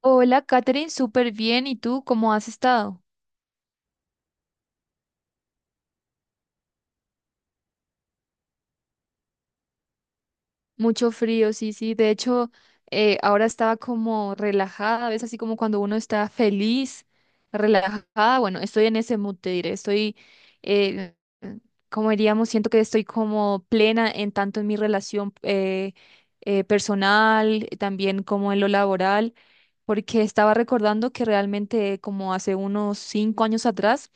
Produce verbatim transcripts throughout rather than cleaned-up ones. Hola, Katherine, súper bien. ¿Y tú cómo has estado? Mucho frío, sí, sí. De hecho, eh, ahora estaba como relajada, ¿ves? Así como cuando uno está feliz, relajada. Bueno, estoy en ese mood, te diré. Estoy, eh, como diríamos, siento que estoy como plena en tanto en mi relación eh, eh, personal, también como en lo laboral, porque estaba recordando que realmente como hace unos cinco años atrás,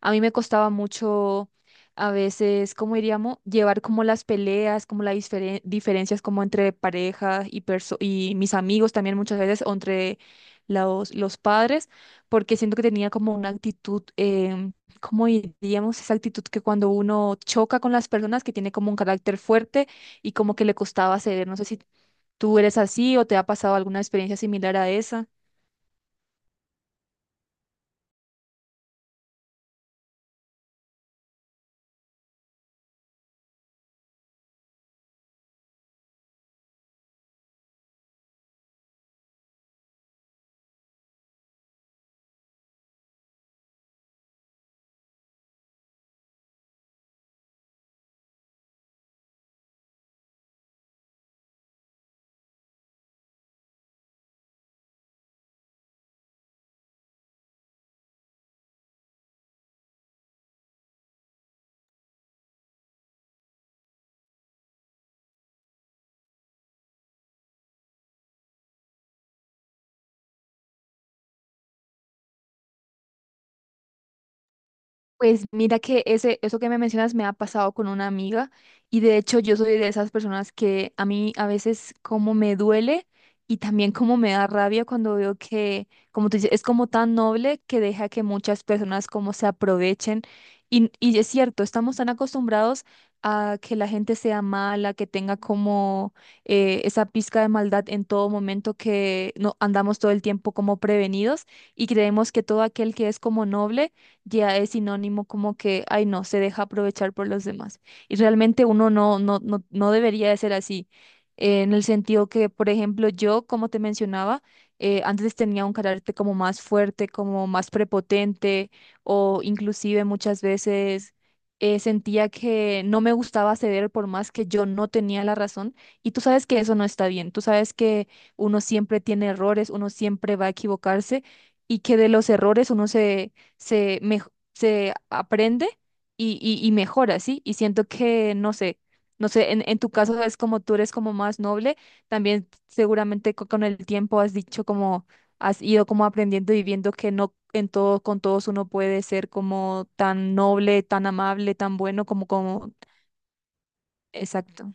a mí me costaba mucho. A veces, ¿cómo diríamos? Llevar como las peleas, como las diferen- diferencias como entre pareja y, perso- y mis amigos también muchas veces, o entre los, los padres, porque siento que tenía como una actitud, em, ¿cómo diríamos? Esa actitud que cuando uno choca con las personas, que tiene como un carácter fuerte y como que le costaba ceder. No sé si tú eres así o te ha pasado alguna experiencia similar a esa. Pues mira que ese, eso que me mencionas me ha pasado con una amiga y de hecho yo soy de esas personas que a mí a veces como me duele y también como me da rabia cuando veo que, como tú dices, es como tan noble que deja que muchas personas como se aprovechen y, y es cierto, estamos tan acostumbrados a que la gente sea mala, que tenga como eh, esa pizca de maldad en todo momento que no andamos todo el tiempo como prevenidos y creemos que todo aquel que es como noble ya es sinónimo como que, ay no, se deja aprovechar por los demás. Y realmente uno no, no, no, no debería de ser así, eh, en el sentido que, por ejemplo, yo, como te mencionaba, eh, antes tenía un carácter como más fuerte, como más prepotente, o inclusive muchas veces eh, sentía que no me gustaba ceder por más que yo no tenía la razón. Y tú sabes que eso no está bien, tú sabes que uno siempre tiene errores, uno siempre va a equivocarse y que de los errores uno se se, mej- se aprende y, y, y mejora, ¿sí? Y siento que, no sé, no sé, en, en tu caso es como tú eres como más noble, también seguramente co- con el tiempo has dicho como, has ido como aprendiendo y viendo que no en todo, con todos uno puede ser como tan noble, tan amable, tan bueno como, como, exacto.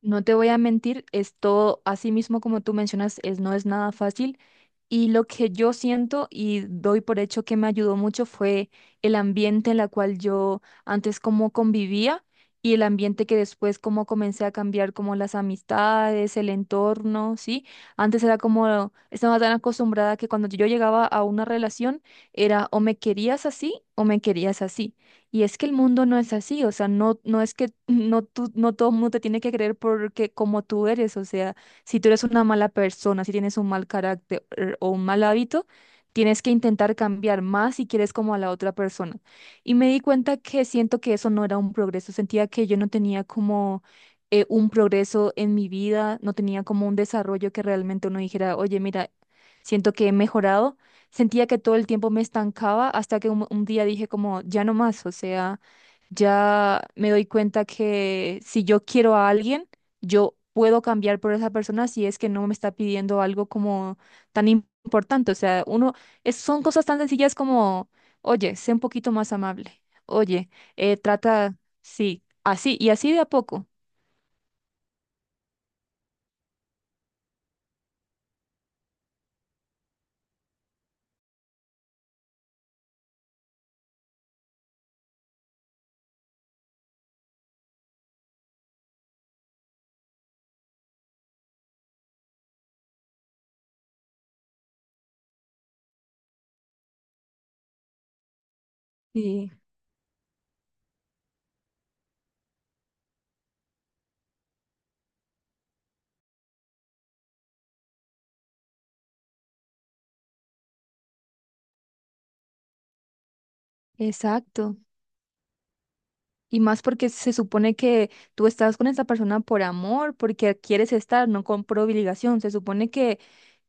No te voy a mentir, esto, así mismo como tú mencionas, es, no es nada fácil. Y lo que yo siento y doy por hecho que me ayudó mucho fue el ambiente en la cual yo antes como convivía y el ambiente que después como comencé a cambiar como las amistades, el entorno, ¿sí? Antes era como, estaba tan acostumbrada que cuando yo llegaba a una relación era o me querías así o me querías así. Y es que el mundo no es así, o sea, no, no es que no, tú, no todo el mundo te tiene que creer porque como tú eres, o sea. Si tú eres una mala persona, si tienes un mal carácter er, o un mal hábito, tienes que intentar cambiar más si quieres como a la otra persona. Y me di cuenta que siento que eso no era un progreso, sentía que yo no tenía como eh, un progreso en mi vida, no tenía como un desarrollo que realmente uno dijera, oye, mira, siento que he mejorado. Sentía que todo el tiempo me estancaba hasta que un, un día dije como, ya no más, o sea, ya me doy cuenta que si yo quiero a alguien, yo puedo cambiar por esa persona si es que no me está pidiendo algo como tan im- importante. O sea, uno, es- son cosas tan sencillas como, oye, sé un poquito más amable. Oye, eh, trata, sí, así, y así de a poco. Sí, exacto. Y más porque se supone que tú estás con esa persona por amor, porque quieres estar, no con- por obligación. Se supone que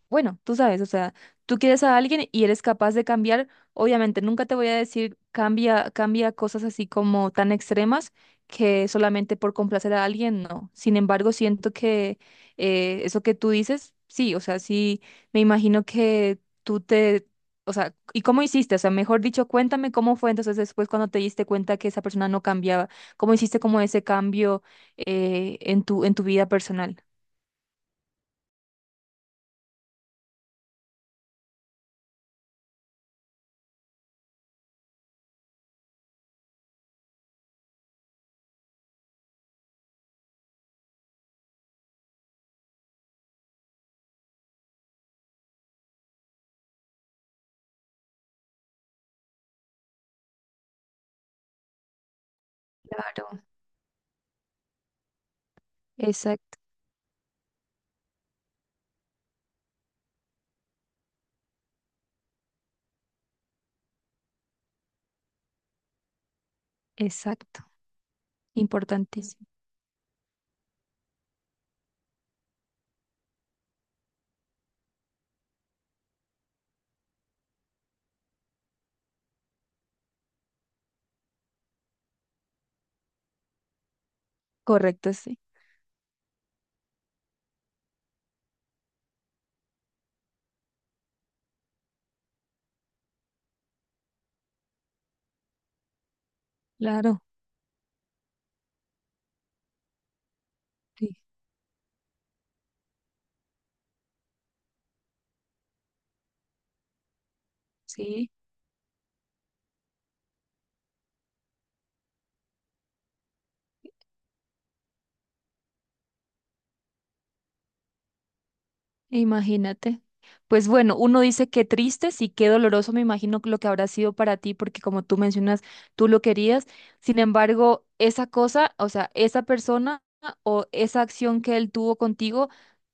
Bueno, tú sabes, o sea, tú quieres a alguien y eres capaz de cambiar. Obviamente, nunca te voy a decir cambia, cambia cosas así como tan extremas que solamente por complacer a alguien, no. Sin embargo, siento que eh, eso que tú dices, sí, o sea, sí, me imagino que tú te, o sea, ¿y cómo hiciste? O sea, mejor dicho, cuéntame cómo fue entonces después cuando te diste cuenta que esa persona no cambiaba, cómo hiciste como ese cambio eh, en tu, en tu vida personal. Claro, exacto, exacto. Importantísimo. Correcto, sí. Claro, sí, sí. Imagínate. Pues bueno, uno dice qué tristes y qué doloroso, me imagino lo que habrá sido para ti, porque como tú mencionas, tú lo querías. Sin embargo, esa cosa, o sea, esa persona o esa acción que él tuvo contigo,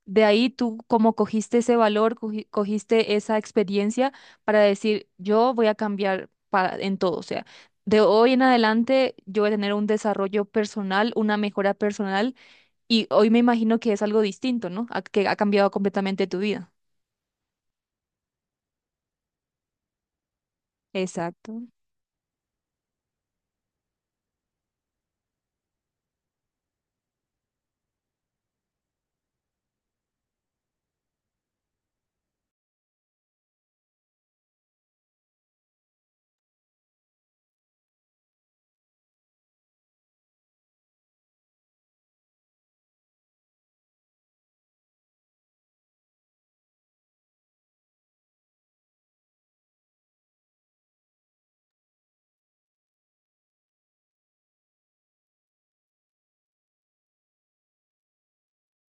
de ahí tú como cogiste ese valor, cogi- cogiste esa experiencia para decir, yo voy a cambiar para, en todo. O sea, de hoy en adelante yo voy a tener un desarrollo personal, una mejora personal y hoy me imagino que es algo distinto, ¿no? A- que ha cambiado completamente tu vida. Exacto.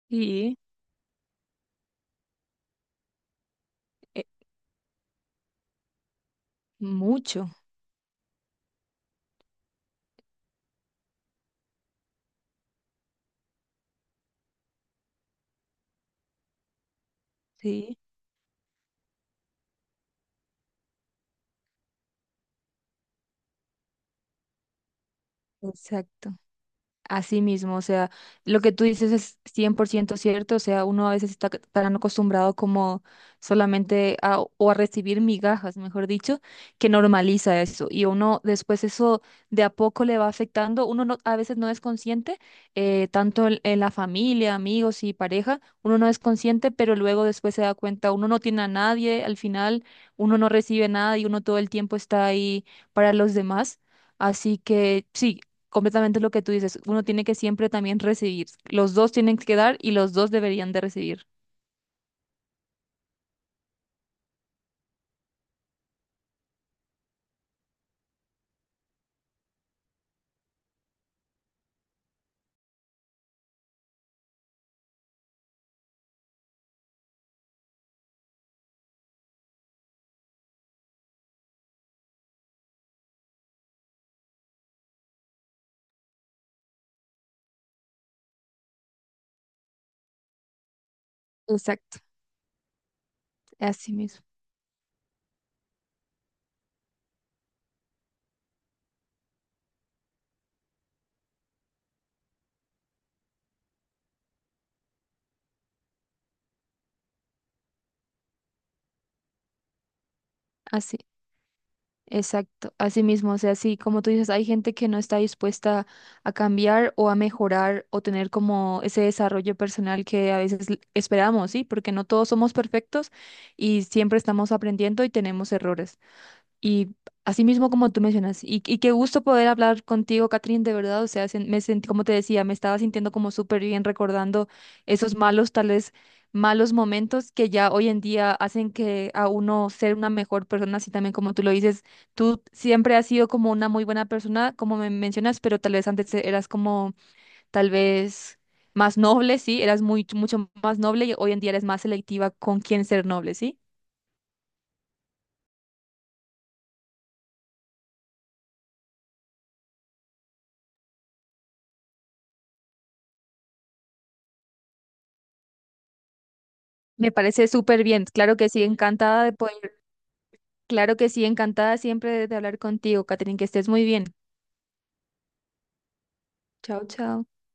Sí, eh, mucho. Sí, exacto. Así mismo, o sea, lo que tú dices es cien por ciento cierto, o sea, uno a veces está c- tan acostumbrado como solamente a, o a recibir migajas, mejor dicho, que normaliza eso y uno después eso de a poco le va afectando, uno no, a veces no es consciente, eh, tanto en, en la familia, amigos y pareja, uno no es consciente, pero luego después se da cuenta, uno no tiene a nadie, al final uno no recibe nada y uno todo el tiempo está ahí para los demás. Así que sí, completamente lo que tú dices. Uno tiene que siempre también recibir. Los dos tienen que dar y los dos deberían de recibir. Exacto, así mismo, así, exacto, así mismo, o sea, así como tú dices, hay gente que no está dispuesta a cambiar o a mejorar o tener como ese desarrollo personal que a veces l- esperamos, ¿sí? Porque no todos somos perfectos y siempre estamos aprendiendo y tenemos errores. Y así mismo como tú mencionas, y, y qué gusto poder hablar contigo, Catherine, de verdad, o sea, sen- me sentí, como te decía, me estaba sintiendo como súper bien recordando esos malos, tal vez malos momentos que ya hoy en día hacen que a uno ser una mejor persona, así también como tú lo dices, tú siempre has sido como una muy buena persona, como me mencionas, pero tal vez antes eras como, tal vez más noble, sí, eras muy, mucho más noble y hoy en día eres más selectiva con quién ser noble, sí. Me parece súper bien, claro que sí, encantada de poder. Claro que sí, encantada siempre de hablar contigo, Catherine, que estés muy bien. Chao, chao.